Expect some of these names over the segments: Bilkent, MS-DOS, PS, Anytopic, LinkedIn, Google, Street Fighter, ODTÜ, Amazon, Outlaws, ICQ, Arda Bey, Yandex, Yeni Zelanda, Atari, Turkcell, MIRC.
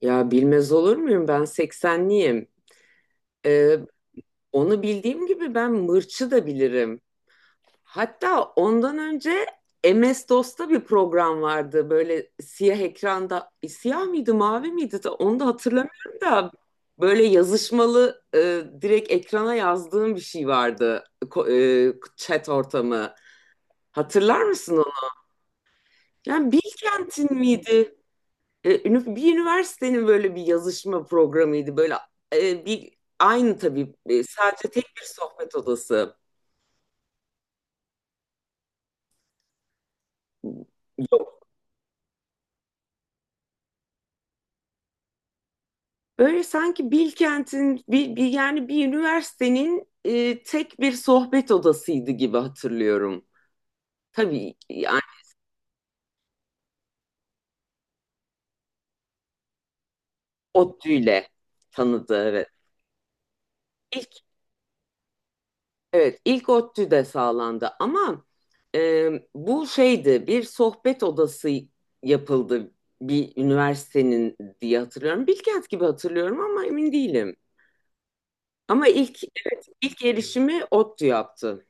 Ya bilmez olur muyum? Ben seksenliyim. Ee, Onu bildiğim gibi ben mırçı da bilirim. Hatta ondan önce MS-DOS'ta bir program vardı. Böyle siyah ekranda. Siyah mıydı, mavi miydi? Onu da hatırlamıyorum da. Böyle yazışmalı, direkt ekrana yazdığım bir şey vardı. Chat ortamı. Hatırlar mısın onu? Yani Bilkent'in miydi? Bir üniversitenin böyle bir yazışma programıydı. Böyle, bir aynı tabii, sadece tek bir sohbet odası yok. Böyle sanki Bilkent'in bir yani bir üniversitenin, tek bir sohbet odasıydı gibi hatırlıyorum. Tabii yani ODTÜ ile tanıdı evet. İlk Evet, ilk ODTÜ de sağlandı ama, bu şeydi bir sohbet odası yapıldı bir üniversitenin diye hatırlıyorum. Bilkent gibi hatırlıyorum ama emin değilim. Ama evet, ilk erişimi ODTÜ yaptı.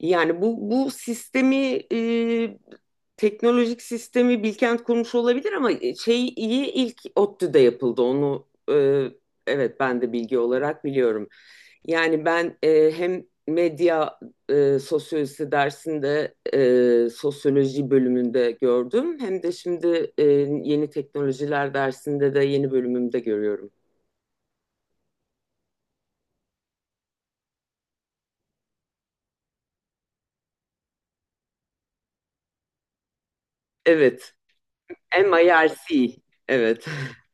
Yani bu sistemi, e, teknolojik sistemi Bilkent kurmuş olabilir ama şey iyi ilk ODTÜ'de yapıldı onu, evet ben de bilgi olarak biliyorum. Yani ben, hem medya, sosyolojisi dersinde, sosyoloji bölümünde gördüm hem de şimdi, yeni teknolojiler dersinde de yeni bölümümde görüyorum. Evet, M I R C evet.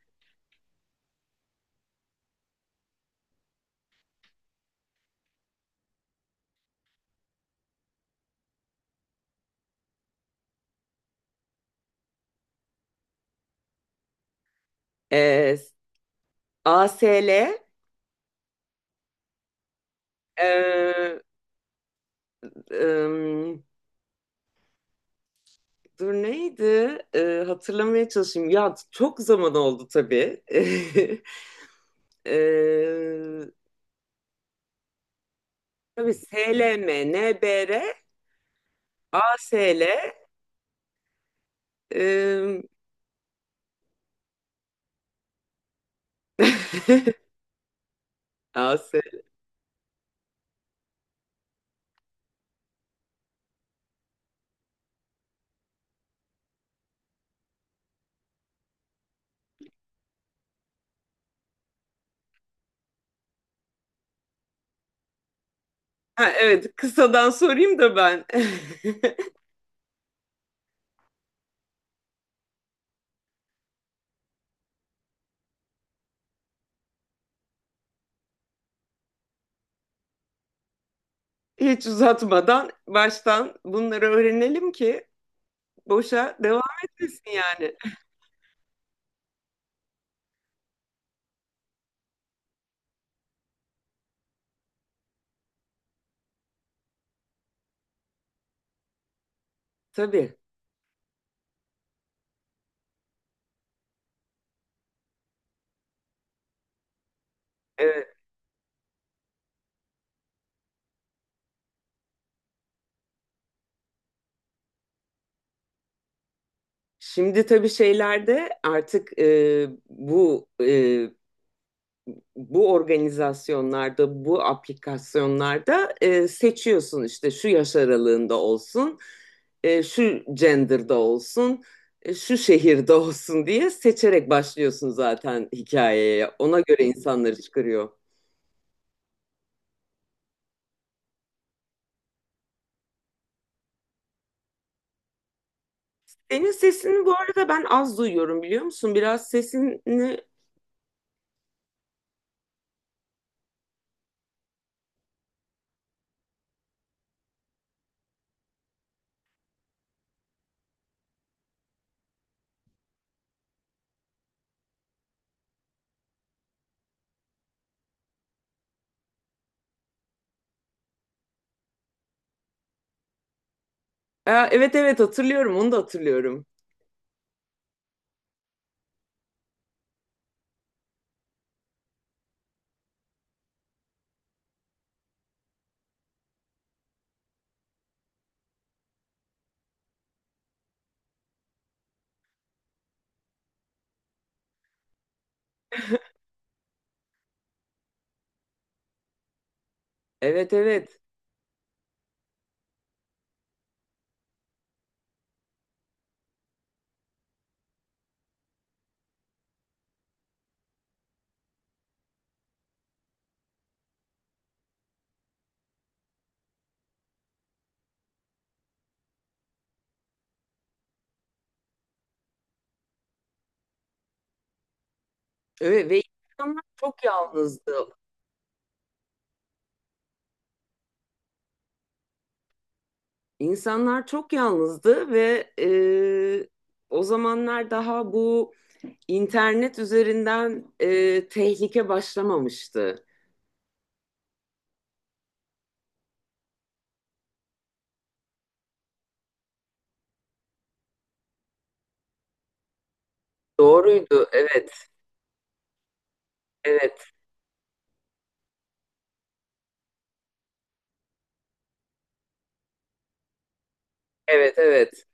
E, ASL, e, Em, dur neydi? Hatırlamaya çalışayım. Ya çok zaman oldu tabii. E, tabii SLM, NBR, ASL. em, AS. Ha, evet kısadan sorayım da ben. Hiç uzatmadan baştan bunları öğrenelim ki boşa devam etmesin yani. Tabii. Evet. Şimdi tabii şeylerde artık, bu, bu organizasyonlarda, bu aplikasyonlarda, seçiyorsun işte şu yaş aralığında olsun, şu gender'da olsun, şu şehirde olsun diye seçerek başlıyorsun zaten hikayeye. Ona göre insanları çıkarıyor. Senin sesini bu arada ben az duyuyorum biliyor musun? Biraz sesini... Aa, evet, evet, hatırlıyorum, onu da hatırlıyorum. Evet, evet. Evet ve insanlar çok yalnızdı. İnsanlar çok yalnızdı ve, o zamanlar daha bu internet üzerinden, tehlike başlamamıştı. Doğruydu. Evet, evet, evet, evet,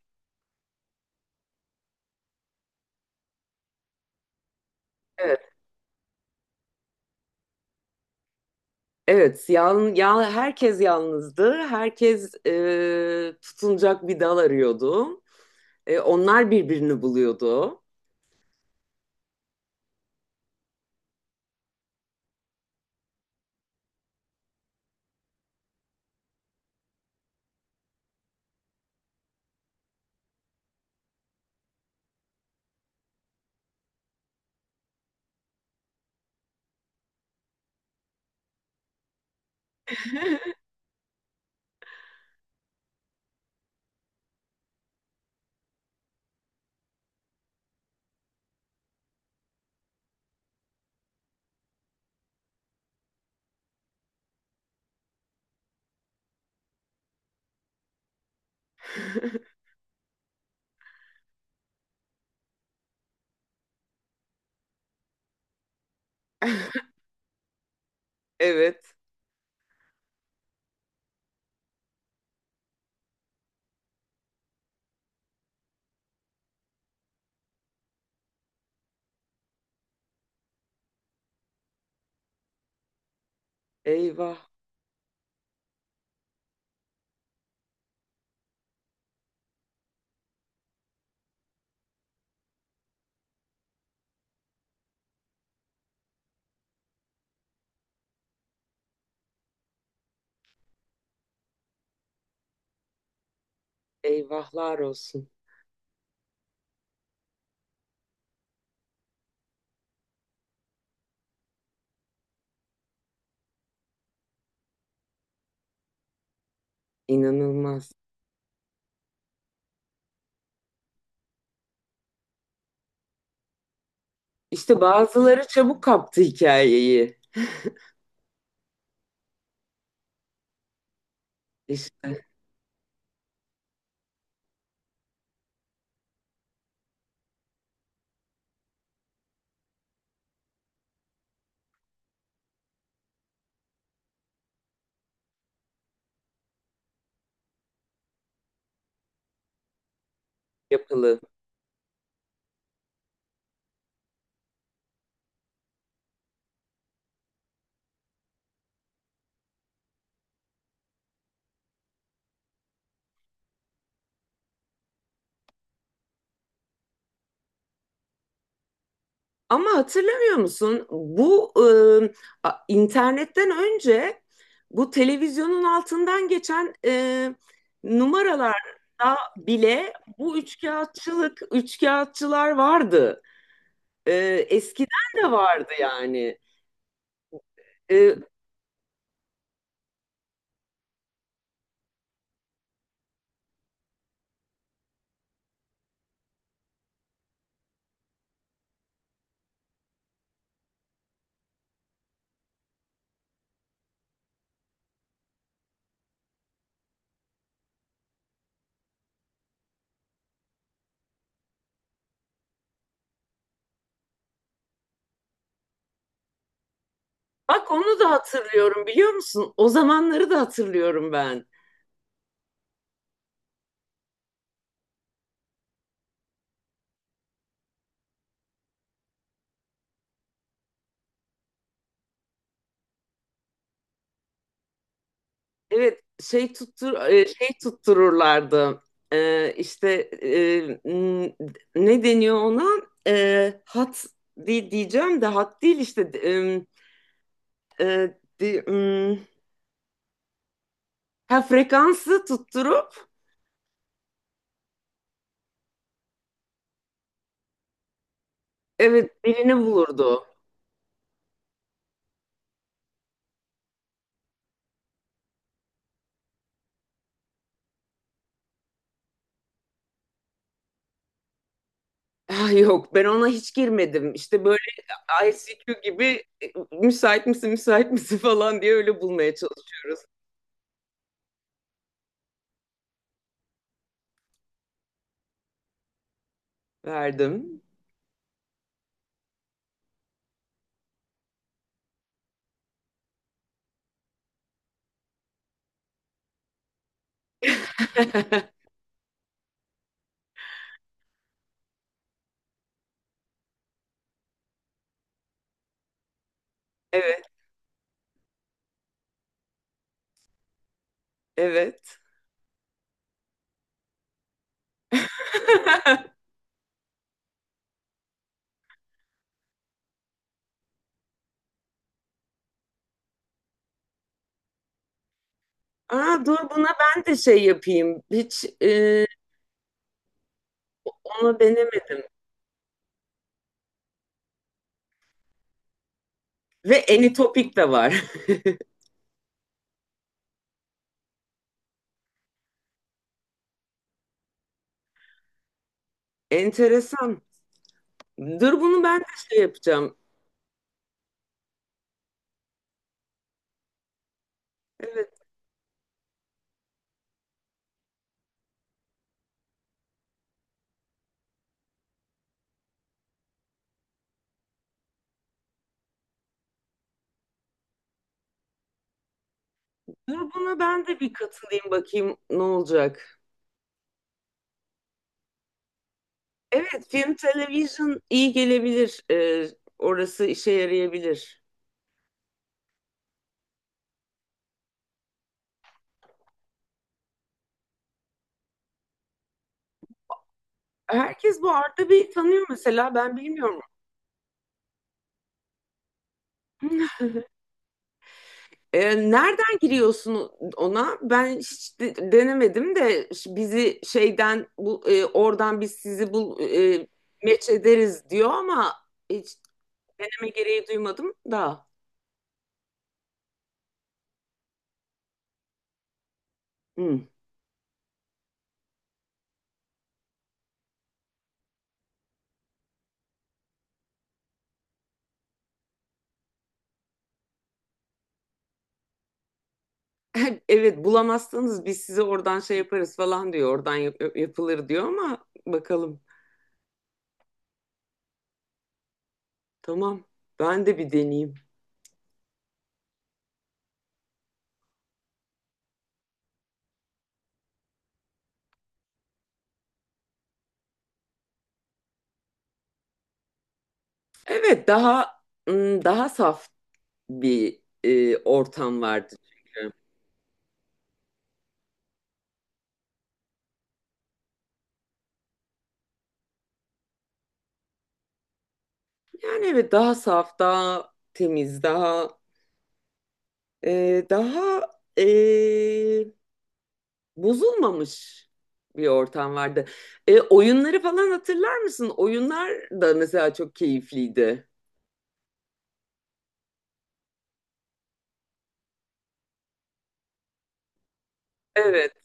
evet, evet. Ya, herkes yalnızdı. Herkes, tutunacak bir dal arıyordu. Onlar birbirini buluyordu. Evet. Eyvah, eyvahlar olsun. İnanılmaz. İşte bazıları çabuk kaptı hikayeyi. İşte yapılı. Ama hatırlamıyor musun? Bu, e, internetten önce bu televizyonun altından geçen, numaralarda bile bu üçkağıtçılık, üçkağıtçılar vardı. E, Eskiden de vardı yani. E, Bak onu da hatırlıyorum biliyor musun? O zamanları da hatırlıyorum ben. Evet şey tuttururlardı. İşte e, n- ne deniyor ona? Hat, diyeceğim de hat değil işte, e, di- m, ha frekansı tutturup evet birini bulurdu. Ah, yok ben ona hiç girmedim. İşte böyle ICQ gibi, müsait misin müsait misin falan diye öyle bulmaya çalışıyoruz. Verdim. Evet, evet. Aa, dur buna ben de şey yapayım. Hiç, onu denemedim. Ve Anytopic de var. Enteresan. Dur bunu ben de şey yapacağım. Evet. Dur buna ben de bir katılayım bakayım ne olacak. Evet, film televizyon iyi gelebilir. Orası işe yarayabilir. Herkes bu Arda Bey'i tanıyor, mesela ben bilmiyorum. Hmm. Nereden giriyorsun ona? Ben hiç denemedim de, bizi şeyden bu, oradan biz sizi meç ederiz diyor ama hiç deneme gereği duymadım da. Hı. Evet bulamazsanız biz sizi oradan şey yaparız falan diyor. Oradan yapılır diyor ama bakalım. Tamam. Ben de bir deneyeyim. Evet daha, daha saf bir, ortam vardı çünkü. Yani evet daha saf, daha temiz, daha ee, bozulmamış bir ortam vardı. Oyunları falan hatırlar mısın? Oyunlar da mesela çok keyifliydi. Evet.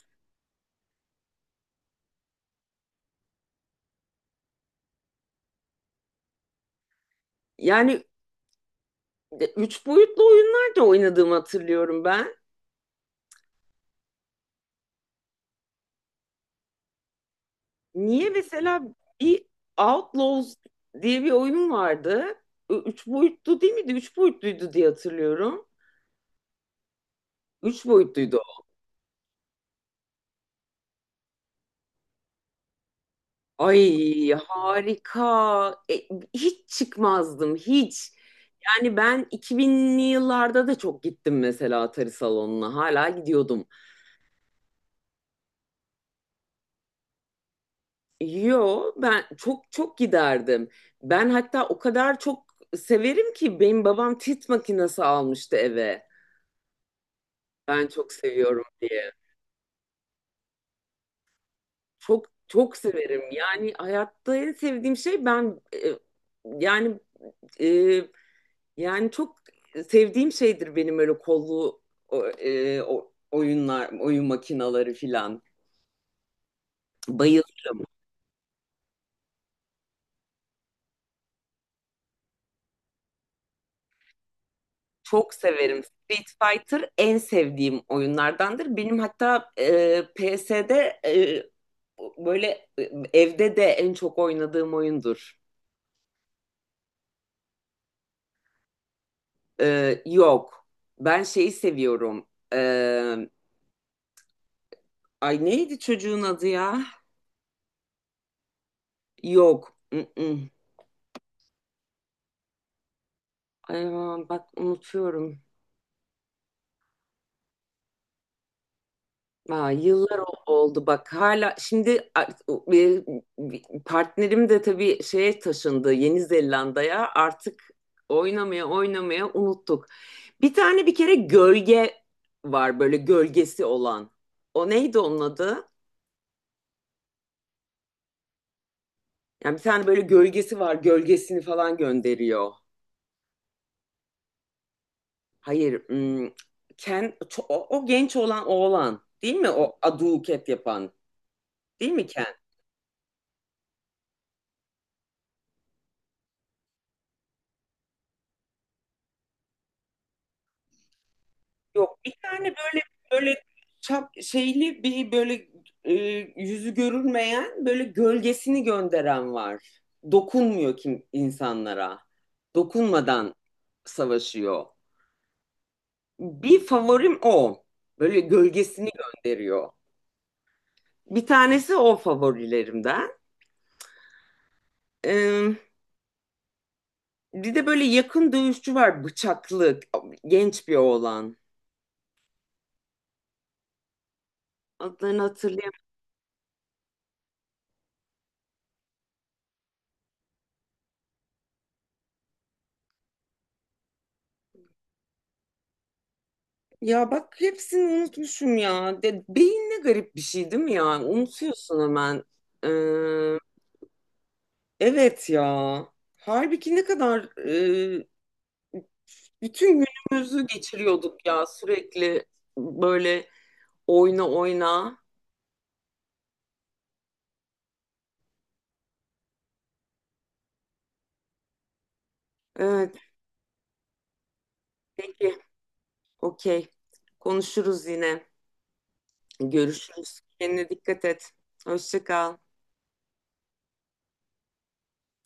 Yani, üç boyutlu oyunlar da oynadığımı hatırlıyorum ben. Niye mesela bir Outlaws diye bir oyun vardı. Üç boyutlu değil miydi? Üç boyutluydu diye hatırlıyorum. Üç boyutluydu o. Ay harika. Hiç çıkmazdım hiç. Yani ben 2000'li yıllarda da çok gittim mesela Atari salonuna. Hala gidiyordum. Yo ben çok çok giderdim. Ben hatta o kadar çok severim ki benim babam tit makinesi almıştı eve. Ben çok seviyorum diye. Çok çok severim. Yani hayatta en sevdiğim şey ben, yani e, yani çok sevdiğim şeydir benim öyle kollu, oyunlar, oyun makinaları filan. Bayılırım. Çok severim. Street Fighter en sevdiğim oyunlardandır. Benim hatta, PS'de, böyle evde de en çok oynadığım oyundur. Yok. Ben şeyi seviyorum. E, Ay neydi çocuğun adı ya? Yok. Mm-mm. Ay, aman bak unutuyorum. Aa, yıllar oldu bak hala şimdi, partnerim de tabii şeye taşındı Yeni Zelanda'ya artık oynamaya oynamaya unuttuk. Bir tane bir kere gölge var böyle gölgesi olan. O neydi onun adı? Yani bir tane böyle gölgesi var, gölgesini falan gönderiyor. Hayır, hmm, Ken, o genç olan oğlan değil mi? O aduket yapan değil mi? Yok, bir tane böyle, böyle çap şeyli bir böyle, e, yüzü görünmeyen böyle gölgesini gönderen var. Dokunmuyor kim insanlara. Dokunmadan savaşıyor. Bir favorim o. Böyle gölgesini gönderiyor. Bir tanesi o favorilerimden. Ee, Bir de böyle yakın dövüşçü var, bıçaklı genç bir oğlan. Adlarını hatırlayamıyorum. Ya bak hepsini unutmuşum ya. Beyin ne garip bir şey değil mi ya? Unutuyorsun hemen. Ee, evet ya. Halbuki ne kadar, e, bütün günümüzü geçiriyorduk ya sürekli böyle oyna oyna. Evet, peki, okey. Konuşuruz yine. Görüşürüz. Kendine dikkat et. Hoşça kal.